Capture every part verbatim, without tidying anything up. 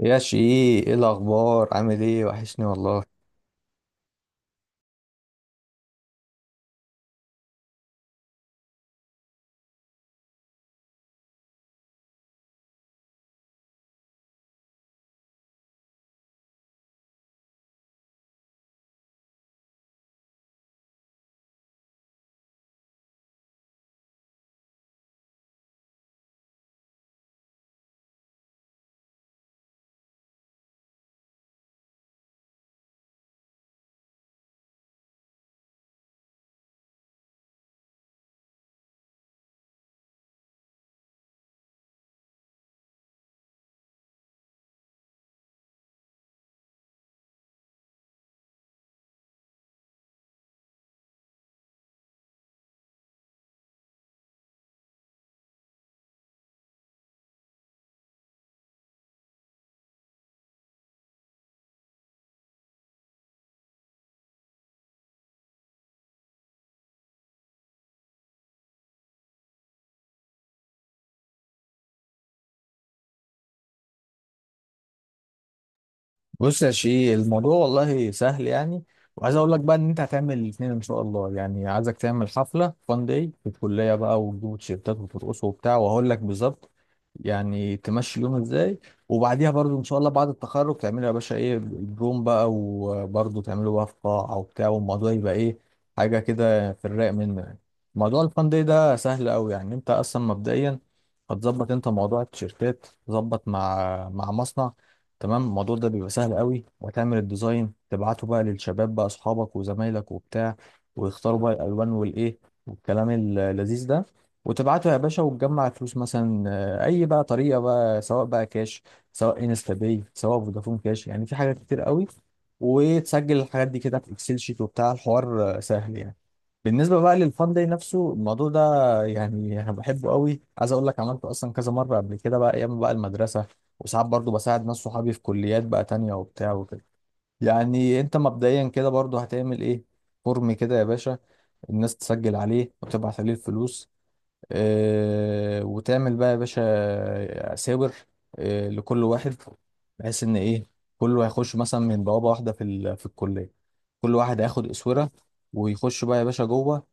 يا شيء، ايه الاخبار؟ عامل ايه؟ وحشني والله. بص يا شيء، الموضوع والله سهل يعني. وعايز اقول لك بقى ان انت هتعمل الاثنين ان شاء الله، يعني عايزك تعمل حفله فان داي في الكليه بقى وتجيبوا تيشيرتات وترقصوا وبتاع، وهقول لك بالظبط يعني تمشي اليوم ازاي. وبعديها برضو ان شاء الله بعد التخرج تعملوا يا باشا ايه البروم بقى، وبرضو تعملوا بقى في قاعه وبتاع، والموضوع يبقى ايه، حاجه كده في الرايق منه يعني. موضوع الفان داي ده سهل قوي يعني. انت اصلا مبدئيا هتظبط انت موضوع التيشيرتات، تظبط مع مع مصنع. تمام، الموضوع ده بيبقى سهل قوي. وتعمل الديزاين تبعته بقى للشباب بقى، اصحابك وزمايلك وبتاع، ويختاروا بقى الالوان والايه والكلام اللذيذ ده. وتبعته يا باشا وتجمع فلوس، مثلا آه، اي بقى طريقه بقى، سواء بقى كاش سواء انستا باي سواء فودافون كاش، يعني في حاجات كتير قوي. وتسجل الحاجات دي كده في اكسل شيت وبتاع الحوار آه، سهل يعني. بالنسبة بقى للفان داي نفسه، الموضوع ده يعني أنا بحبه قوي. عايز أقول لك عملته أصلا كذا مرة قبل كده بقى، أيام بقى المدرسة، وساعات برضو بساعد ناس صحابي في كليات بقى تانية وبتاع وكده. يعني أنت مبدئيا كده برضو هتعمل إيه، فورم كده يا باشا، الناس تسجل عليه وتبعت عليه الفلوس. اه، وتعمل بقى يا باشا آه، ساور، اه، لكل واحد، بحيث إن إيه، كله هيخش مثلا من بوابة واحدة في ال- في الكلية. كل واحد هياخد أسورة ويخش بقى يا باشا جوه.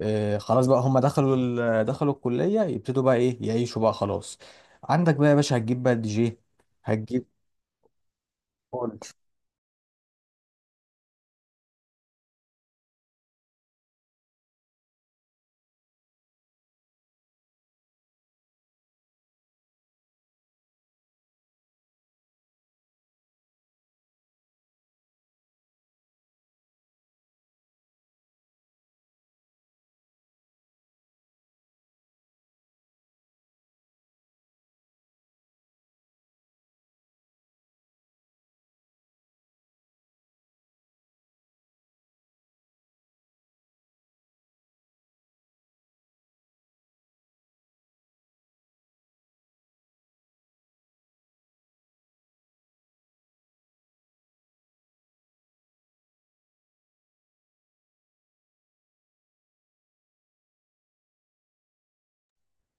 آه، خلاص بقى، هم دخلوا ال- دخلوا الكلية، يبتدوا بقى ايه، يعيشوا بقى خلاص. عندك بقى يا باشا هتجيب بقى دي جي، هتجيب، قول.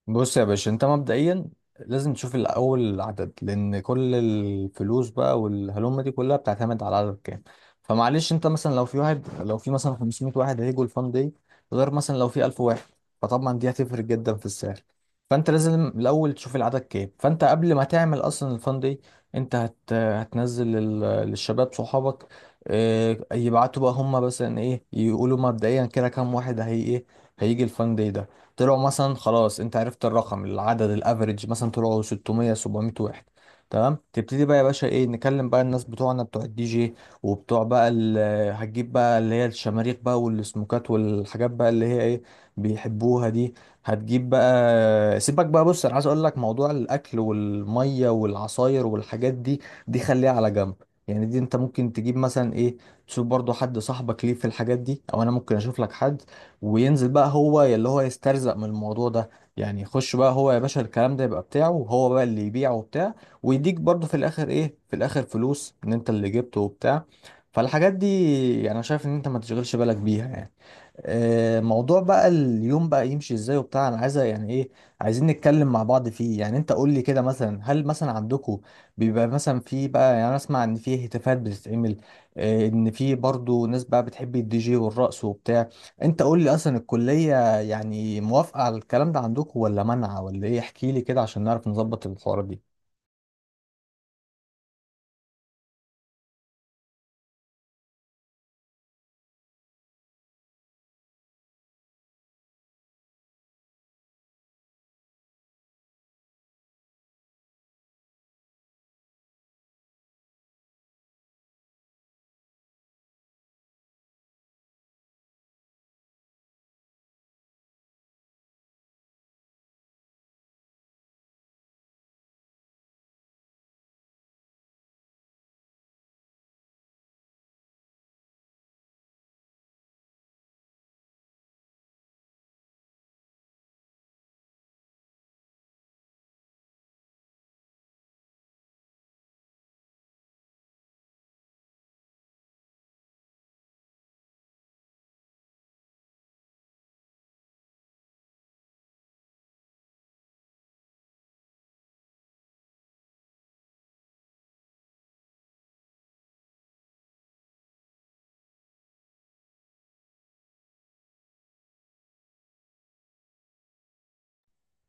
بص يا باشا، انت مبدئيا لازم تشوف الاول العدد، لان كل الفلوس بقى والهلومه دي كلها بتعتمد على العدد كام. فمعلش انت، مثلا لو في واحد، لو في مثلا خمسمية واحد هيجوا الفان دي، غير مثلا لو في ألف واحد، فطبعا دي هتفرق جدا في السعر. فانت لازم الاول تشوف العدد كام، فانت قبل ما تعمل اصلا الفان دي، انت هت... هتنزل لل... للشباب صحابك، اه... يبعتوا بقى هم مثلا ايه، يقولوا مبدئيا كده كام واحد هي ايه هيجي الفان دي. طلعوا مثلا خلاص، انت عرفت الرقم، العدد الافريج مثلا طلعوا ستمية سبعمية واحد، تمام. تبتدي بقى يا باشا ايه، نكلم بقى الناس بتوعنا بتوع الدي جي، وبتوع بقى ال- هتجيب بقى اللي هي الشماريخ بقى والسموكات والحاجات بقى اللي هي ايه، بيحبوها دي. هتجيب بقى، سيبك بقى، بص انا عايز اقول لك موضوع الاكل والميه والعصاير والحاجات دي، دي خليها على جنب. يعني دي انت ممكن تجيب مثلا ايه، تشوف برضو حد صاحبك ليه في الحاجات دي، او انا ممكن اشوف لك حد، وينزل بقى هو اللي هو يسترزق من الموضوع ده، يعني يخش بقى هو يا باشا، الكلام ده يبقى بتاعه وهو بقى اللي يبيعه وبتاع، ويديك برضه في الاخر ايه، في الاخر فلوس ان انت اللي جبته وبتاع. فالحاجات دي يعني انا شايف ان انت ما تشغلش بالك بيها يعني. آه، موضوع بقى اليوم بقى يمشي ازاي وبتاع، انا عايزه يعني ايه، عايزين نتكلم مع بعض فيه يعني. انت قول لي كده، مثلا هل مثلا عندكم بيبقى مثلا في بقى، يعني انا اسمع ان في هتافات بتتعمل، آه، ان في برضو ناس بقى بتحب الدي جي والرقص وبتاع. انت قول لي، اصلا الكليه يعني موافقه على الكلام ده عندكم، ولا منعه، ولا ايه؟ احكي لي كده عشان نعرف نظبط الحوارات دي.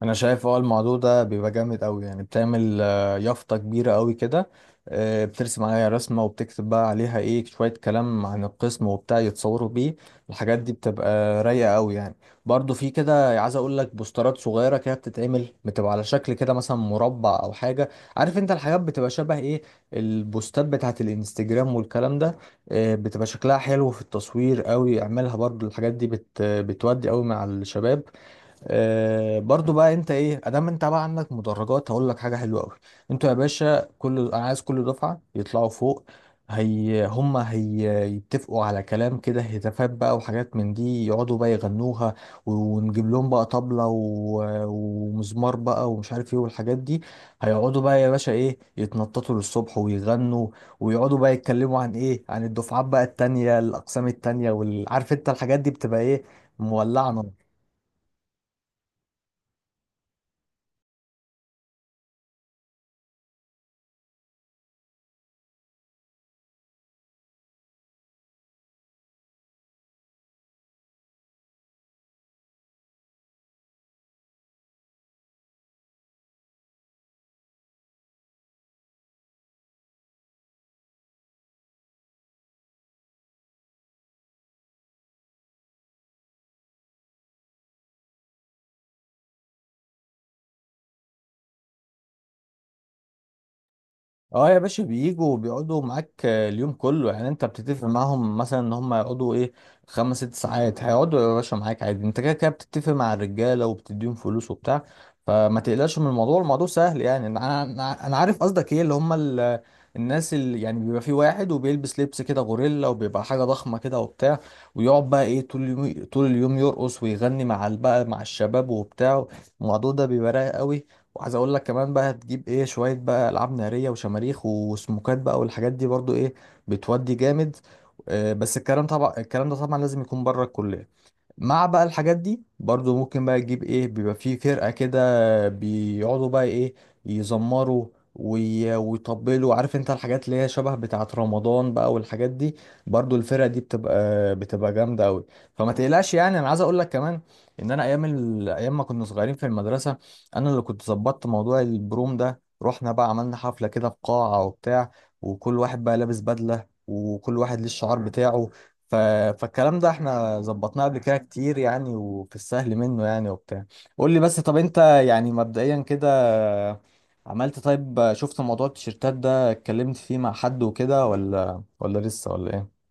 انا شايف اه الموضوع ده بيبقى جامد قوي، يعني بتعمل آه، يافطه كبيره قوي كده، آه، بترسم عليها رسمه وبتكتب بقى عليها ايه، شويه كلام عن القسم وبتاع، يتصوروا بيه. الحاجات دي بتبقى رايقه قوي يعني. برضو في كده عايز اقول لك، بوسترات صغيره كده بتتعمل، بتبقى على شكل كده مثلا مربع او حاجه، عارف انت الحاجات بتبقى شبه ايه، البوستات بتاعت الانستجرام والكلام ده. آه، بتبقى شكلها حلو في التصوير قوي، اعملها برضو، الحاجات دي بت بتودي قوي مع الشباب. آه، برضو بقى انت ايه، ادام انت بقى عندك مدرجات هقول لك حاجه حلوه قوي. انتوا يا باشا كل، انا عايز كل دفعه يطلعوا فوق، هي هم هي، يتفقوا على كلام كده، هتافات بقى وحاجات من دي، يقعدوا بقى يغنوها. ونجيب لهم بقى طبلة و- ومزمار بقى ومش عارف ايه والحاجات دي. هيقعدوا بقى يا باشا ايه، يتنططوا للصبح ويغنوا، ويقعدوا بقى يتكلموا عن ايه، عن الدفعات بقى التانية، الاقسام التانية، والعارف انت الحاجات دي بتبقى ايه، مولعة نار. اه يا باشا، بيجوا بيقعدوا معاك آه، اليوم كله. يعني انت بتتفق معاهم مثلا ان هم يقعدوا ايه، خمس ست ساعات، هيقعدوا يا باشا معاك عادي، انت كده كده بتتفق مع الرجاله وبتديهم فلوس وبتاع. فما تقلقش من الموضوع، الموضوع سهل يعني. انا انا أنا عارف قصدك ايه، اللي هم ال- الناس اللي يعني بيبقى في واحد وبيلبس لبس كده غوريلا، وبيبقى حاجه ضخمه كده وبتاع، ويقعد بقى ايه طول اليوم، طول اليوم يرقص ويغني مع ال- بقى مع الشباب وبتاع. الموضوع ده بيبقى رايق قوي. وعايز اقول لك كمان بقى، هتجيب ايه شويه بقى العاب ناريه وشماريخ وسموكات بقى والحاجات دي برضو ايه، بتودي جامد. آه، بس الكلام طبعا، الكلام ده طبعا لازم يكون بره الكليه. مع بقى الحاجات دي برضو ممكن بقى تجيب ايه، بيبقى فيه فرقة كده، بيقعدوا بقى ايه يزمروا وي- ويطبلوا، عارف انت الحاجات اللي هي شبه بتاعة رمضان بقى والحاجات دي. برضو الفرقة دي بتبقى بتبقى جامدة قوي. فما تقلقش يعني. انا عايز اقول لك كمان، ان انا ايام ال... ايام ما كنا صغيرين في المدرسة، انا اللي كنت ظبطت موضوع البروم ده، رحنا بقى عملنا حفلة كده في قاعة وبتاع، وكل واحد بقى لابس بدلة، وكل واحد ليه الشعار بتاعه. ف... فالكلام ده احنا ظبطناه قبل كده كتير يعني، وفي السهل منه يعني وبتاع. قول لي بس، طب انت يعني مبدئيا كده عملت، طيب شفت موضوع التيشيرتات ده، اتكلمت فيه مع حد وكده، ولا ولا لسه، ولا ايه؟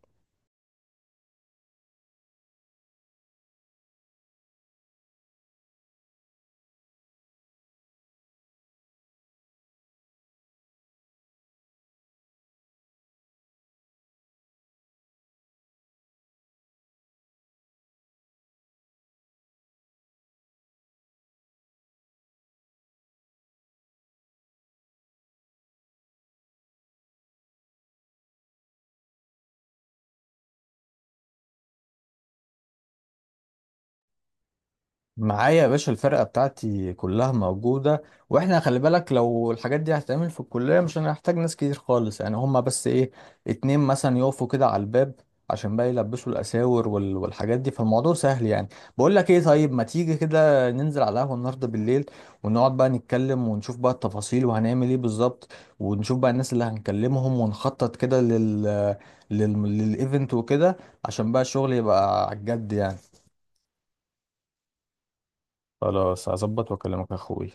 معايا يا باشا الفرقة بتاعتي كلها موجودة. واحنا خلي بالك، لو الحاجات دي هتتعمل في الكلية مش هنحتاج ناس كتير خالص، يعني هما بس ايه، اتنين مثلا يقفوا كده على الباب عشان بقى يلبسوا الأساور وال- والحاجات دي، فالموضوع سهل يعني. بقول لك ايه، طيب ما تيجي كده ننزل على القهوة النهاردة بالليل، ونقعد بقى نتكلم ونشوف بقى التفاصيل وهنعمل ايه بالظبط، ونشوف بقى الناس اللي هنكلمهم، ونخطط كده لل لل للإيفنت وكده، عشان بقى الشغل يبقى على الجد يعني. خلاص، هظبط واكلمك يا اخوي.